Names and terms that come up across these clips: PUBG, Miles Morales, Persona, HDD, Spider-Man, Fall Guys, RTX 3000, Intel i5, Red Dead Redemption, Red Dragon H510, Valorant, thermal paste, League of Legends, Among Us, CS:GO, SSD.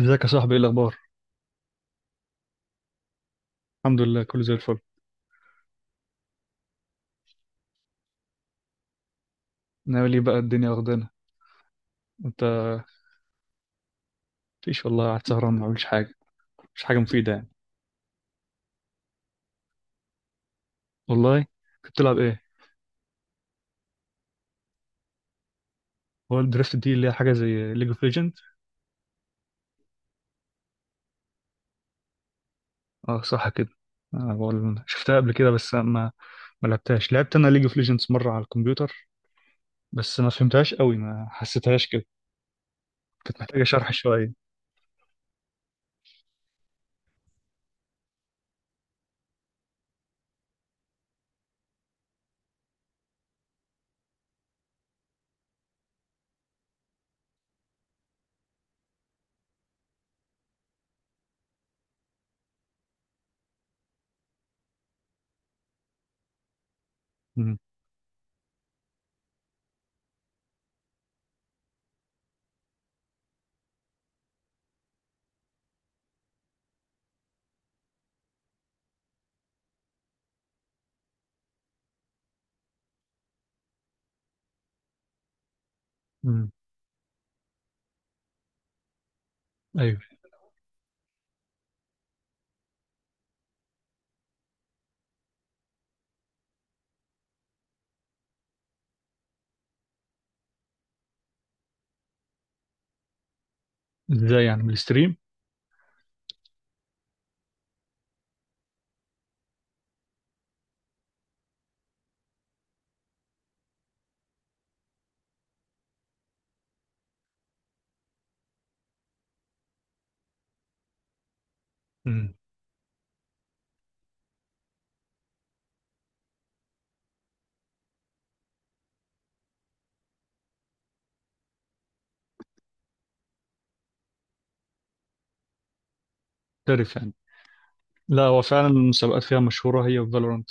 ازيك يا صاحبي؟ ايه الاخبار؟ الحمد لله، كله زي الفل. ناوي ليه بقى؟ الدنيا واخدانا. انت؟ مفيش والله، قاعد سهران ما بعملش حاجه. مش حاجه مفيده يعني. والله؟ كنت بتلعب ايه؟ هو الدرافت دي اللي هي حاجه زي ليج اوف ليجند؟ اه صح كده. انا بقول شفتها قبل كده بس ما لعبتهاش. لعبت انا ليج اوف ليجندز مره على الكمبيوتر، بس ما فهمتهاش قوي، ما حسيتهاش كده. كانت محتاجه شرح شويه. امم امم ايوه. ازاي يعني؟ من الستريم؟ امم تعرف يعني. لا، هو فعلا المسابقات فيها مشهوره، هي وفالورانت.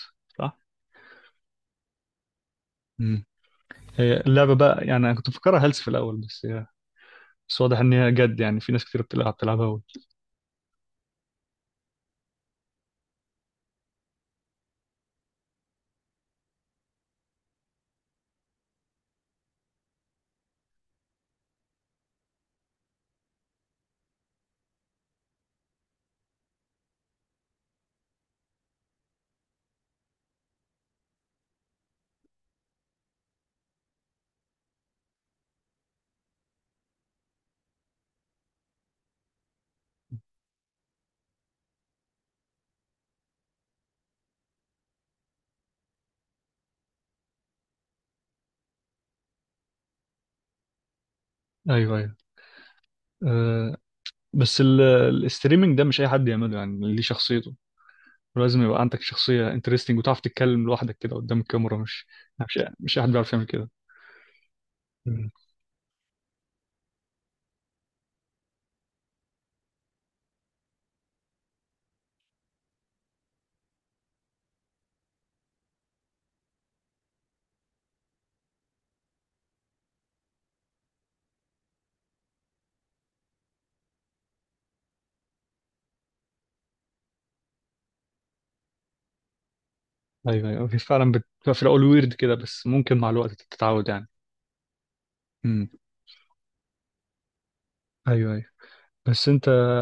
صح. هي اللعبة بقى يعني، أنا كنت مفكرها هلس في الأول، بس هي، بس واضح إن هي جد. يعني في ناس كتير بتلعب بتلعبها أول. أيوه أيوه. أه، بس الاستريمنج ده مش أي حد يعمله يعني، اللي ليه شخصيته. ولازم يبقى عندك شخصية انترستنج وتعرف تتكلم لوحدك كده قدام الكاميرا. مش مش أي حد بيعرف يعمل كده. مم. أيوه أيوه، هي فعلا بتبقى في الأول ويرد كده، بس ممكن مع الوقت تتعود يعني. مم. أيوه أيوه. بس أنت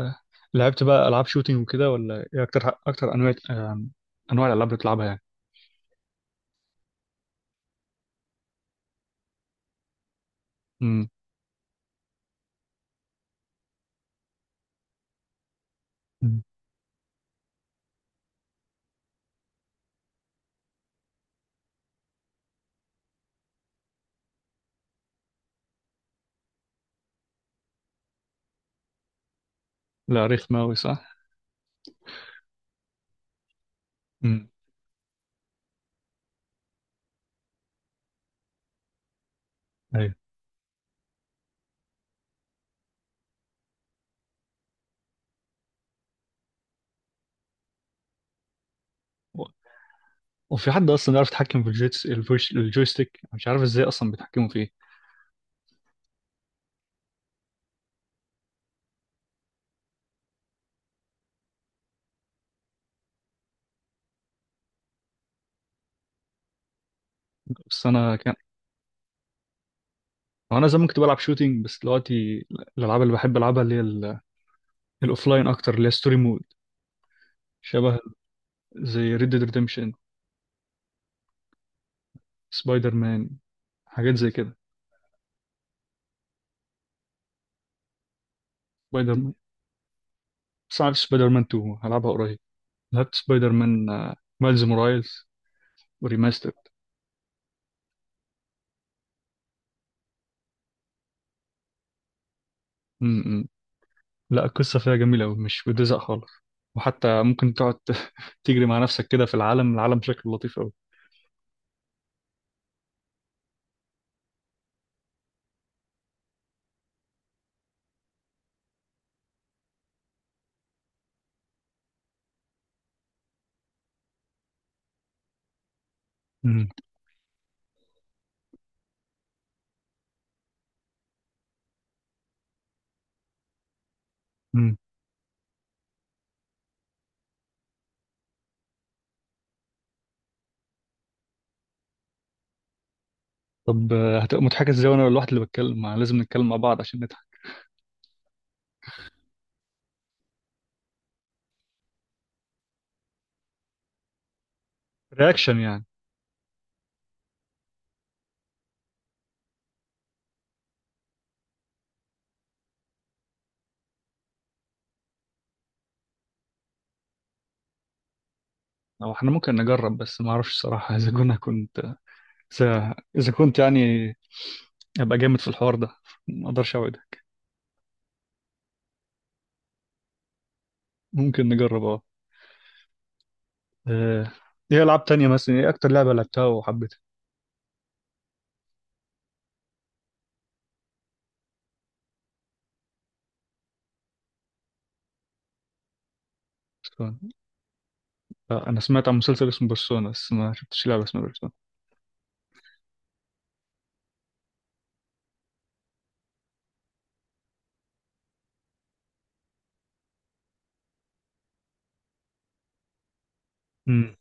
لعبت بقى ألعاب شوتينج وكده ولا إيه أكتر؟ أكتر أنواع، أنواع الألعاب اللي بتلعبها يعني؟ مم. مم. لا، رخمة أوي. امم ايوه. و- وفي حد اصلا يعرف يتحكم في الجيتس الفوش الجويستيك؟ مش عارف ازاي اصلا بيتحكموا فيه. بس انا كان انا زمان كنت بلعب شوتينج، بس دلوقتي الالعاب اللي بحب العبها اللي هي الاوفلاين اكتر، اللي هي ستوري مود شبه. زي ريد ديد ريدمشن، سبايدر مان، حاجات زي كده. سبايدر مان، بس عارف سبايدر مان 2 هلعبها قريب. لعبت سبايدر مان مايلز مورايلز وريماستر. امم لا القصه فيها جميله قوي، مش بتزهق خالص. وحتى ممكن تقعد تجري مع نفسك كده في العالم، العالم شكله لطيف. مم. مم. طب هتبقى مضحكة ازاي وانا الواحد اللي بتكلم؟ ما لازم نتكلم مع بعض عشان نضحك. رياكشن يعني؟ او احنا ممكن نجرب، بس ما اعرفش الصراحة اذا كنا كنت اذا إذا كنت يعني ابقى جامد في الحوار ده. ما اقدرش اوعدك. ممكن نجرب، اه. آه، ايه العاب تانية؟ مثلا ايه اكتر لعبة لعبتها وحبيتها؟ بيرسونا. آه، انا سمعت عن مسلسل اسمه بيرسونا، بس ما شفتش لعبة اسمها بيرسونا. امم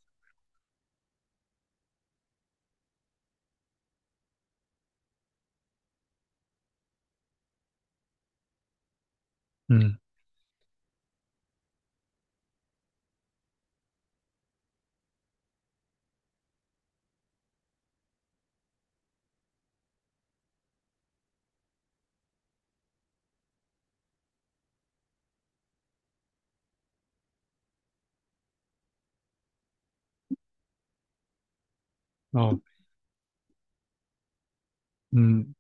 امم اه. امم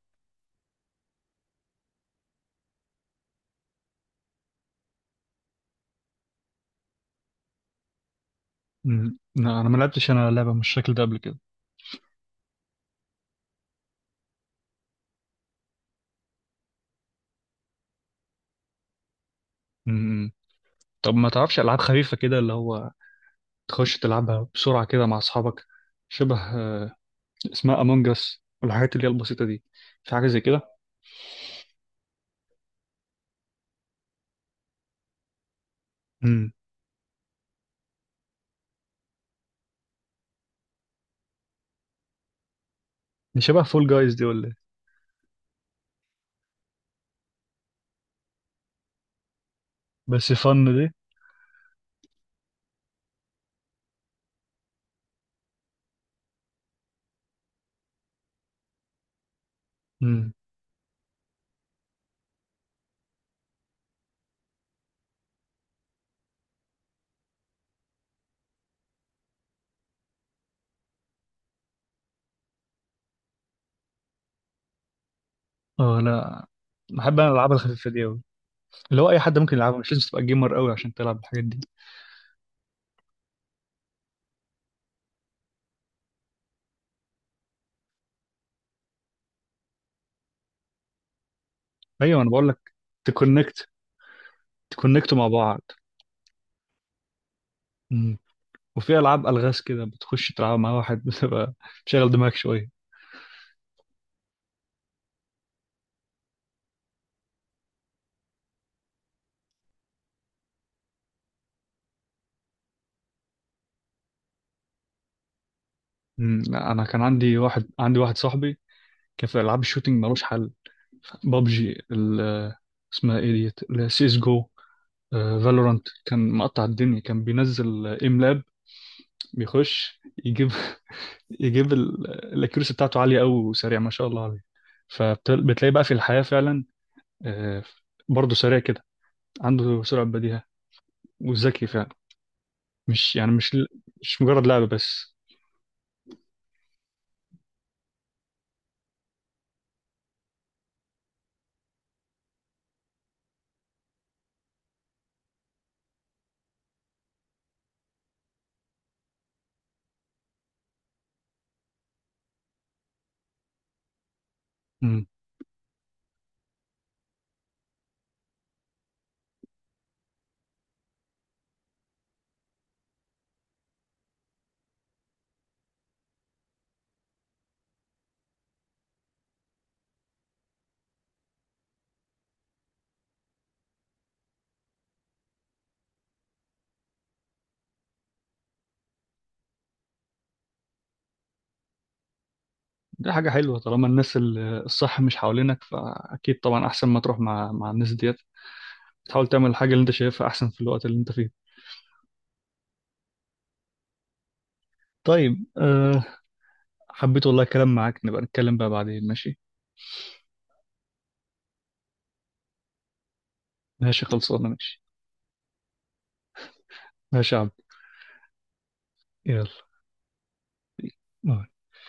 لا انا ما لعبتش انا لعبة من الشكل ده قبل كده. امم طب ما تعرفش العاب خفيفة كده، اللي هو تخش تلعبها بسرعة كده مع أصحابك؟ شبه اسمها أمونج أس والحاجات اللي هي البسيطة دي. في حاجة زي كده؟ امم دي شبه فول جايز دي ولا إيه؟ بس فن دي. امم اه. لا بحب أنا الألعاب الخفيفة دي أوي، اللي هو أي حد ممكن يلعبها، مش لازم تبقى جيمر أوي عشان تلعب الحاجات دي. أيوة أنا بقول لك، تكونكت، تكونكتوا مع بعض. امم وفي ألعاب ألغاز كده بتخش تلعب مع واحد بتبقى تشغل دماغك شوية. لا أنا كان عندي واحد صاحبي كان في ألعاب الشوتينج ملوش حل. بابجي، اسمها ايه ديت اللي هي سيس جو، فالورانت، كان مقطع الدنيا. كان بينزل ام لاب بيخش يجيب يجيب الاكيورسي بتاعته عاليه قوي، وسريع ما شاء الله عليه. فبتلاقي بقى في الحياه فعلا آه، برضه سريع كده، عنده سرعه بديهه، وذكي فعلا. مش مش مجرد لعبه بس. مم. دي حاجه حلوه، طالما الناس الصح مش حوالينك فاكيد طبعا احسن ما تروح مع الناس ديت. تحاول تعمل الحاجه اللي انت شايفها احسن في الوقت اللي انت فيه. طيب أه، حبيت والله الكلام معاك. نبقى نتكلم بقى بعدين، ماشي؟ ماشي، خلصانة، ماشي. ماشي يا عبد. يلا.